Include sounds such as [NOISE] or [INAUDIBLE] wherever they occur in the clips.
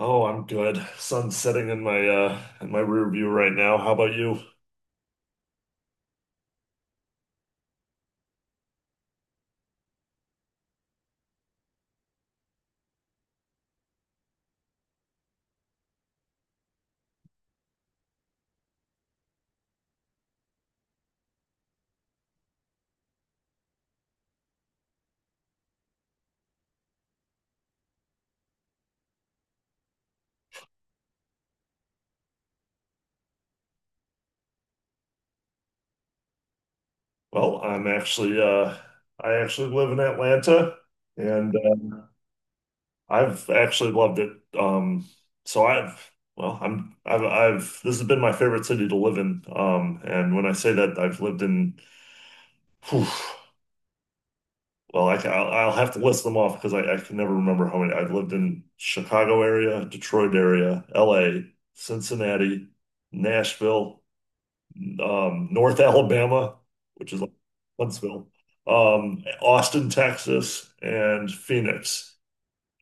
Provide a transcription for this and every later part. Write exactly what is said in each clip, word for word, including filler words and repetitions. Oh, I'm good. Sun's setting in my uh in my rear view right now. How about you? Well, I'm actually uh I actually live in Atlanta and um, I've actually loved it. Um so I've well, I'm I've I've This has been my favorite city to live in. Um and when I say that, I've lived in whew, well, I ca- I'll, I'll have to list them off because I, I can never remember how many. I've lived in Chicago area, Detroit area, L A, Cincinnati, Nashville, um, North Alabama, which is like Huntsville, um, Austin, Texas, and Phoenix.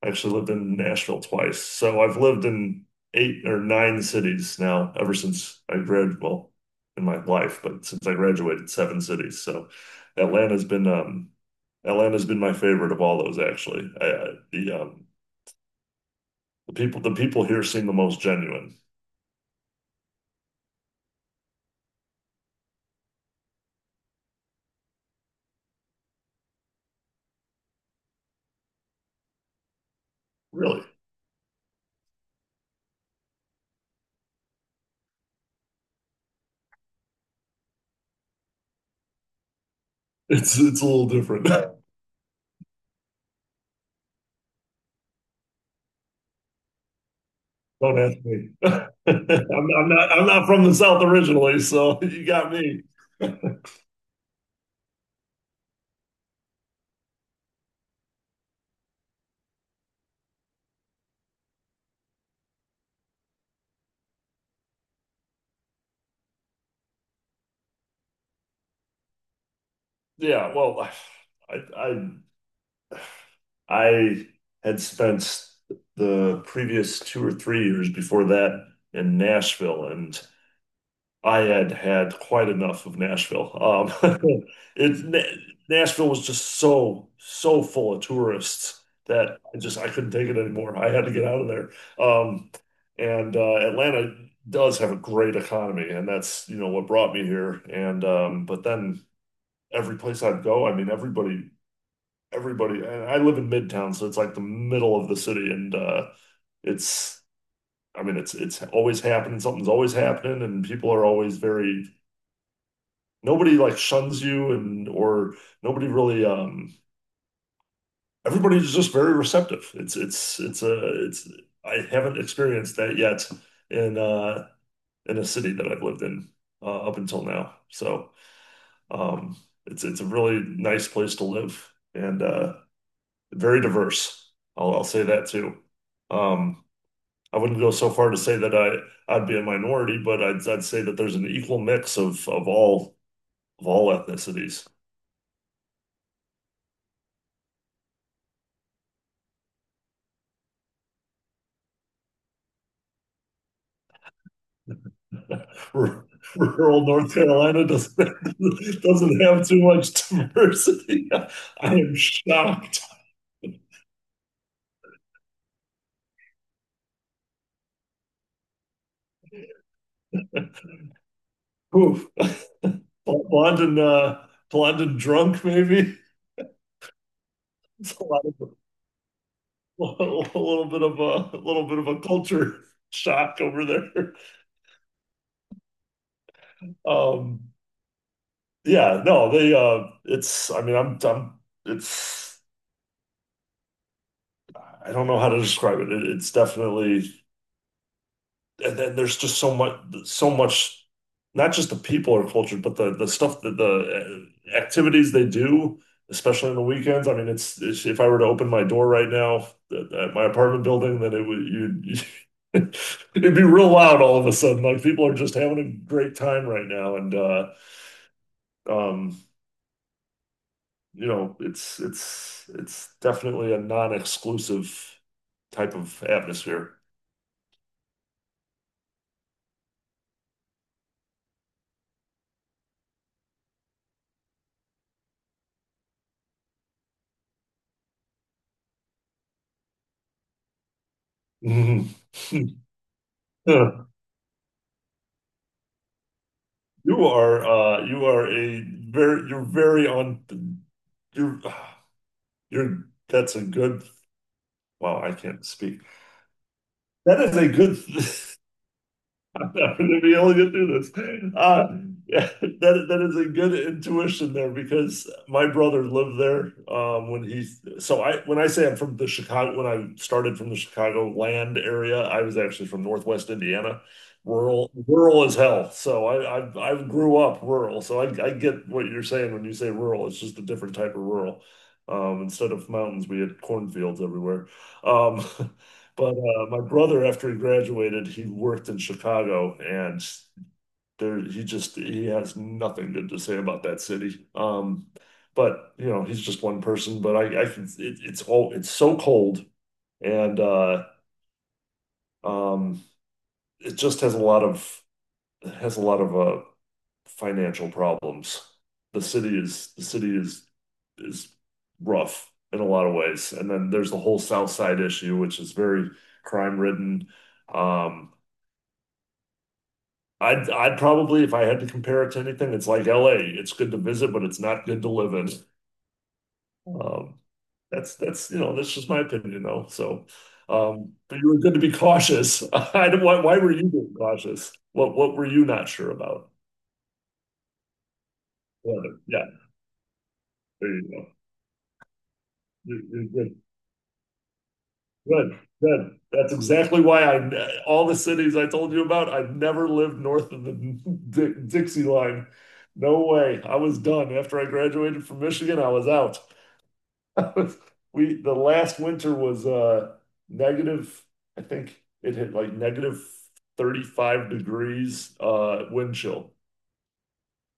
I actually lived in Nashville twice. So I've lived in eight or nine cities now ever since I graduated, well, in my life, but since I graduated, seven cities. So Atlanta's been um, Atlanta's been my favorite of all those actually. I, I, the um, The people the people here seem the most genuine. Really. It's it's a little different. [LAUGHS] Don't ask me. [LAUGHS] I'm, I'm not. I'm not from the South originally, so [LAUGHS] you got me. Yeah. Well, I I I had spent the previous two or three years before that in Nashville, and I had had quite enough of Nashville. Um, [LAUGHS] it, Na Nashville was just so, so full of tourists that I just I couldn't take it anymore. I had to get out of there. Um, and uh, Atlanta does have a great economy, and that's you know what brought me here. And um, but then every place I'd go, I mean everybody, everybody. And I live in Midtown, so it's like the middle of the city, and uh, it's. I mean, it's it's always happening. Something's always happening, and people are always very nobody like shuns you and or nobody really um everybody's just very receptive. It's it's it's a it's I haven't experienced that yet in uh in a city that I've lived in uh, up until now. So um it's it's a really nice place to live and uh very diverse. I'll I'll say that too. Um I wouldn't go so far to say that I I'd be a minority, but I'd I'd say that there's an equal mix of of all of all ethnicities. [LAUGHS] Rural North Carolina doesn't [LAUGHS] doesn't have too much diversity. [LAUGHS] I am shocked. Oof. [LAUGHS] Blonde and uh, blonde and drunk, maybe. It's a lot of [LAUGHS] a little bit of a, a little bit of a culture shock over there. [LAUGHS] Um, yeah, no, they. Uh, it's. I mean, I'm. I'm. It's. I don't know how to describe it. It it's definitely, and then there's just so much so much, not just the people are cultured but the the stuff that the uh, activities they do, especially on the weekends. I mean it's, it's if I were to open my door right now at, at my apartment building, then it would you [LAUGHS] it'd be real loud all of a sudden, like people are just having a great time right now. And uh um you know, it's it's it's definitely a non-exclusive type of atmosphere. [LAUGHS] Yeah. You are uh you are a very you're very on you're you're that's a good, wow, I can't speak. That is a good [LAUGHS] I'm not going to be able to get through this. Uh, yeah, that that is a good intuition there because my brother lived there um, when he. So I when I say I'm from the Chicago, when I started from the Chicago land area. I was actually from Northwest Indiana, rural rural as hell. So I I, I grew up rural. So I I get what you're saying when you say rural. It's just a different type of rural. Um, instead of mountains, we had cornfields everywhere. Um, [LAUGHS] But uh, my brother, after he graduated, he worked in Chicago, and there he just he has nothing good to say about that city. Um, but you know, he's just one person. But I, I can it, it's all it's so cold, and uh, um, it just has a lot of it has a lot of uh, financial problems. The city is the city is is rough in a lot of ways, and then there's the whole South Side issue, which is very crime ridden. Um, I'd I'd probably, if I had to compare it to anything, it's like L A. It's good to visit, but it's not good to live in. Um, that's that's you know that's just my opinion though. So, um, but you were good to be cautious. [LAUGHS] I don't, why why were you being cautious? What what were you not sure about? Yeah, yeah, there you go. You're, you're good, good, good. That's exactly why I, all the cities I told you about, I never lived north of the [LAUGHS] Di Dixie line. No way. I was done after I graduated from Michigan. I was out. [LAUGHS] We, the last winter was uh negative, I think it hit like negative thirty-five degrees uh wind chill.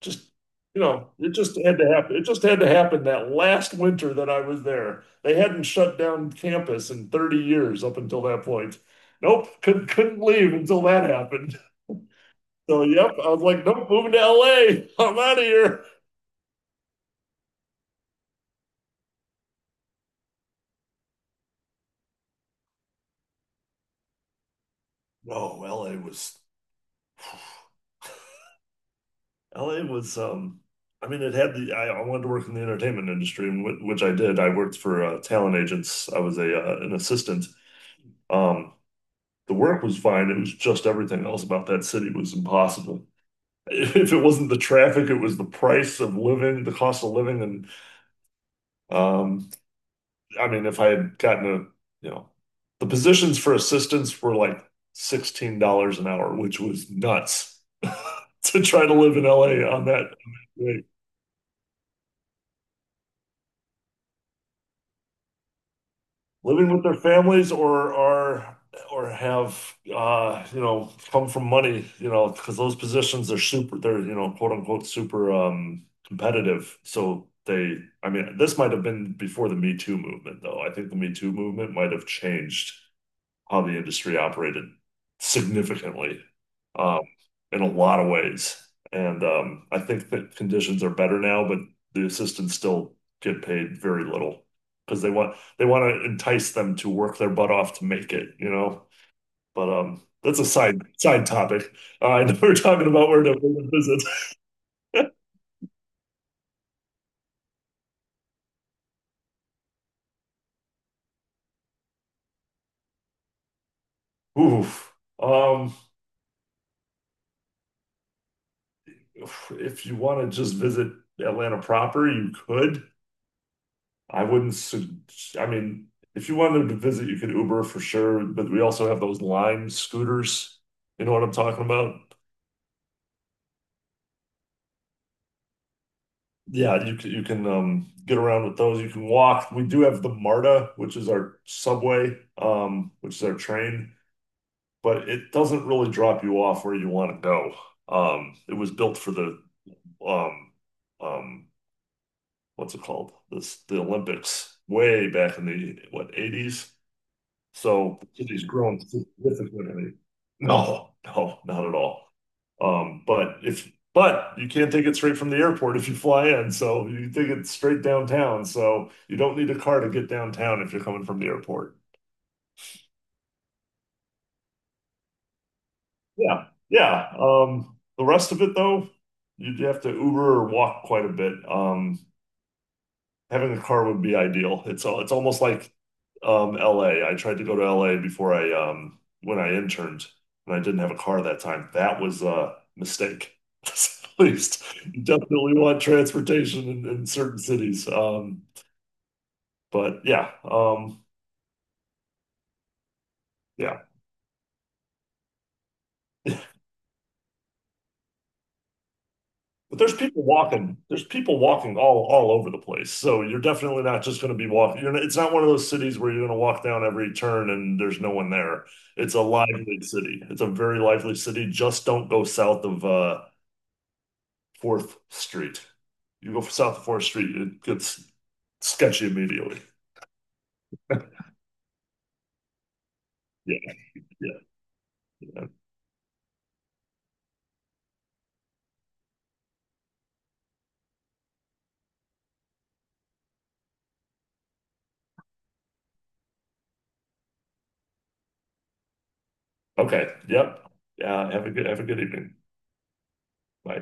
Just, you know, it just had to happen. It just had to happen that last winter that I was there. They hadn't shut down campus in thirty years up until that point. Nope, couldn't couldn't leave until that happened. [LAUGHS] So yep, I was like, nope, moving to L A. I'm out of here. No, L A was [SIGHS] L A was um I mean it had the I, I wanted to work in the entertainment industry, and wh which I did. I worked for uh, talent agents. I was a uh, an assistant. Um, the work was fine. It was just everything else about that city was impossible. [LAUGHS] If it wasn't the traffic, it was the price of living, the cost of living, and um I mean if I had gotten a, you know, the positions for assistants were like sixteen dollars an hour, which was nuts [LAUGHS] to try to live in L A on that, living with their families, or are or have uh you know come from money, you know, because those positions are super they're you know quote unquote super um competitive, so they, I mean this might have been before the Me Too movement though. I think the Me Too movement might have changed how the industry operated significantly, um, in a lot of ways. And um, I think that conditions are better now, but the assistants still get paid very little because they want they want to entice them to work their butt off to make it, you know. But um, that's a side side topic. Uh, I know we're talking about where to where to visit. [LAUGHS] Oof. Um, if you want to just visit Atlanta proper, you could. I wouldn't. Sug- I mean, if you wanted to visit, you could Uber for sure. But we also have those Lime scooters. You know what I'm talking about? Yeah, you can you can um, get around with those. You can walk. We do have the MARTA, which is our subway, um, which is our train, but it doesn't really drop you off where you want to go. Um, it was built for the um, um, what's it called? This The Olympics way back in the what eighties. So the city's grown significantly. No, no, not at all. Um, but if but You can't take it straight from the airport if you fly in, so you take it straight downtown. So you don't need a car to get downtown if you're coming from the airport. Yeah, yeah. Um, the rest of it though, you'd have to Uber or walk quite a bit. Um, Having a car would be ideal. It's al- it's almost like um L A. I tried to go to L A before I um when I interned, and I didn't have a car that time. That was a mistake. [LAUGHS] At least you definitely want transportation in, in certain cities. Um, but yeah, um, yeah. But there's people walking. There's people walking all all over the place. So you're definitely not just going to be walking. You're not, it's not one of those cities where you're going to walk down every turn and there's no one there. It's a lively city. It's a very lively city. Just don't go south of uh, Fourth Street. You go south of Fourth Street, it gets sketchy immediately. Yeah, yeah, yeah. Okay. Yep. Yeah. Have a good have a good evening. Bye.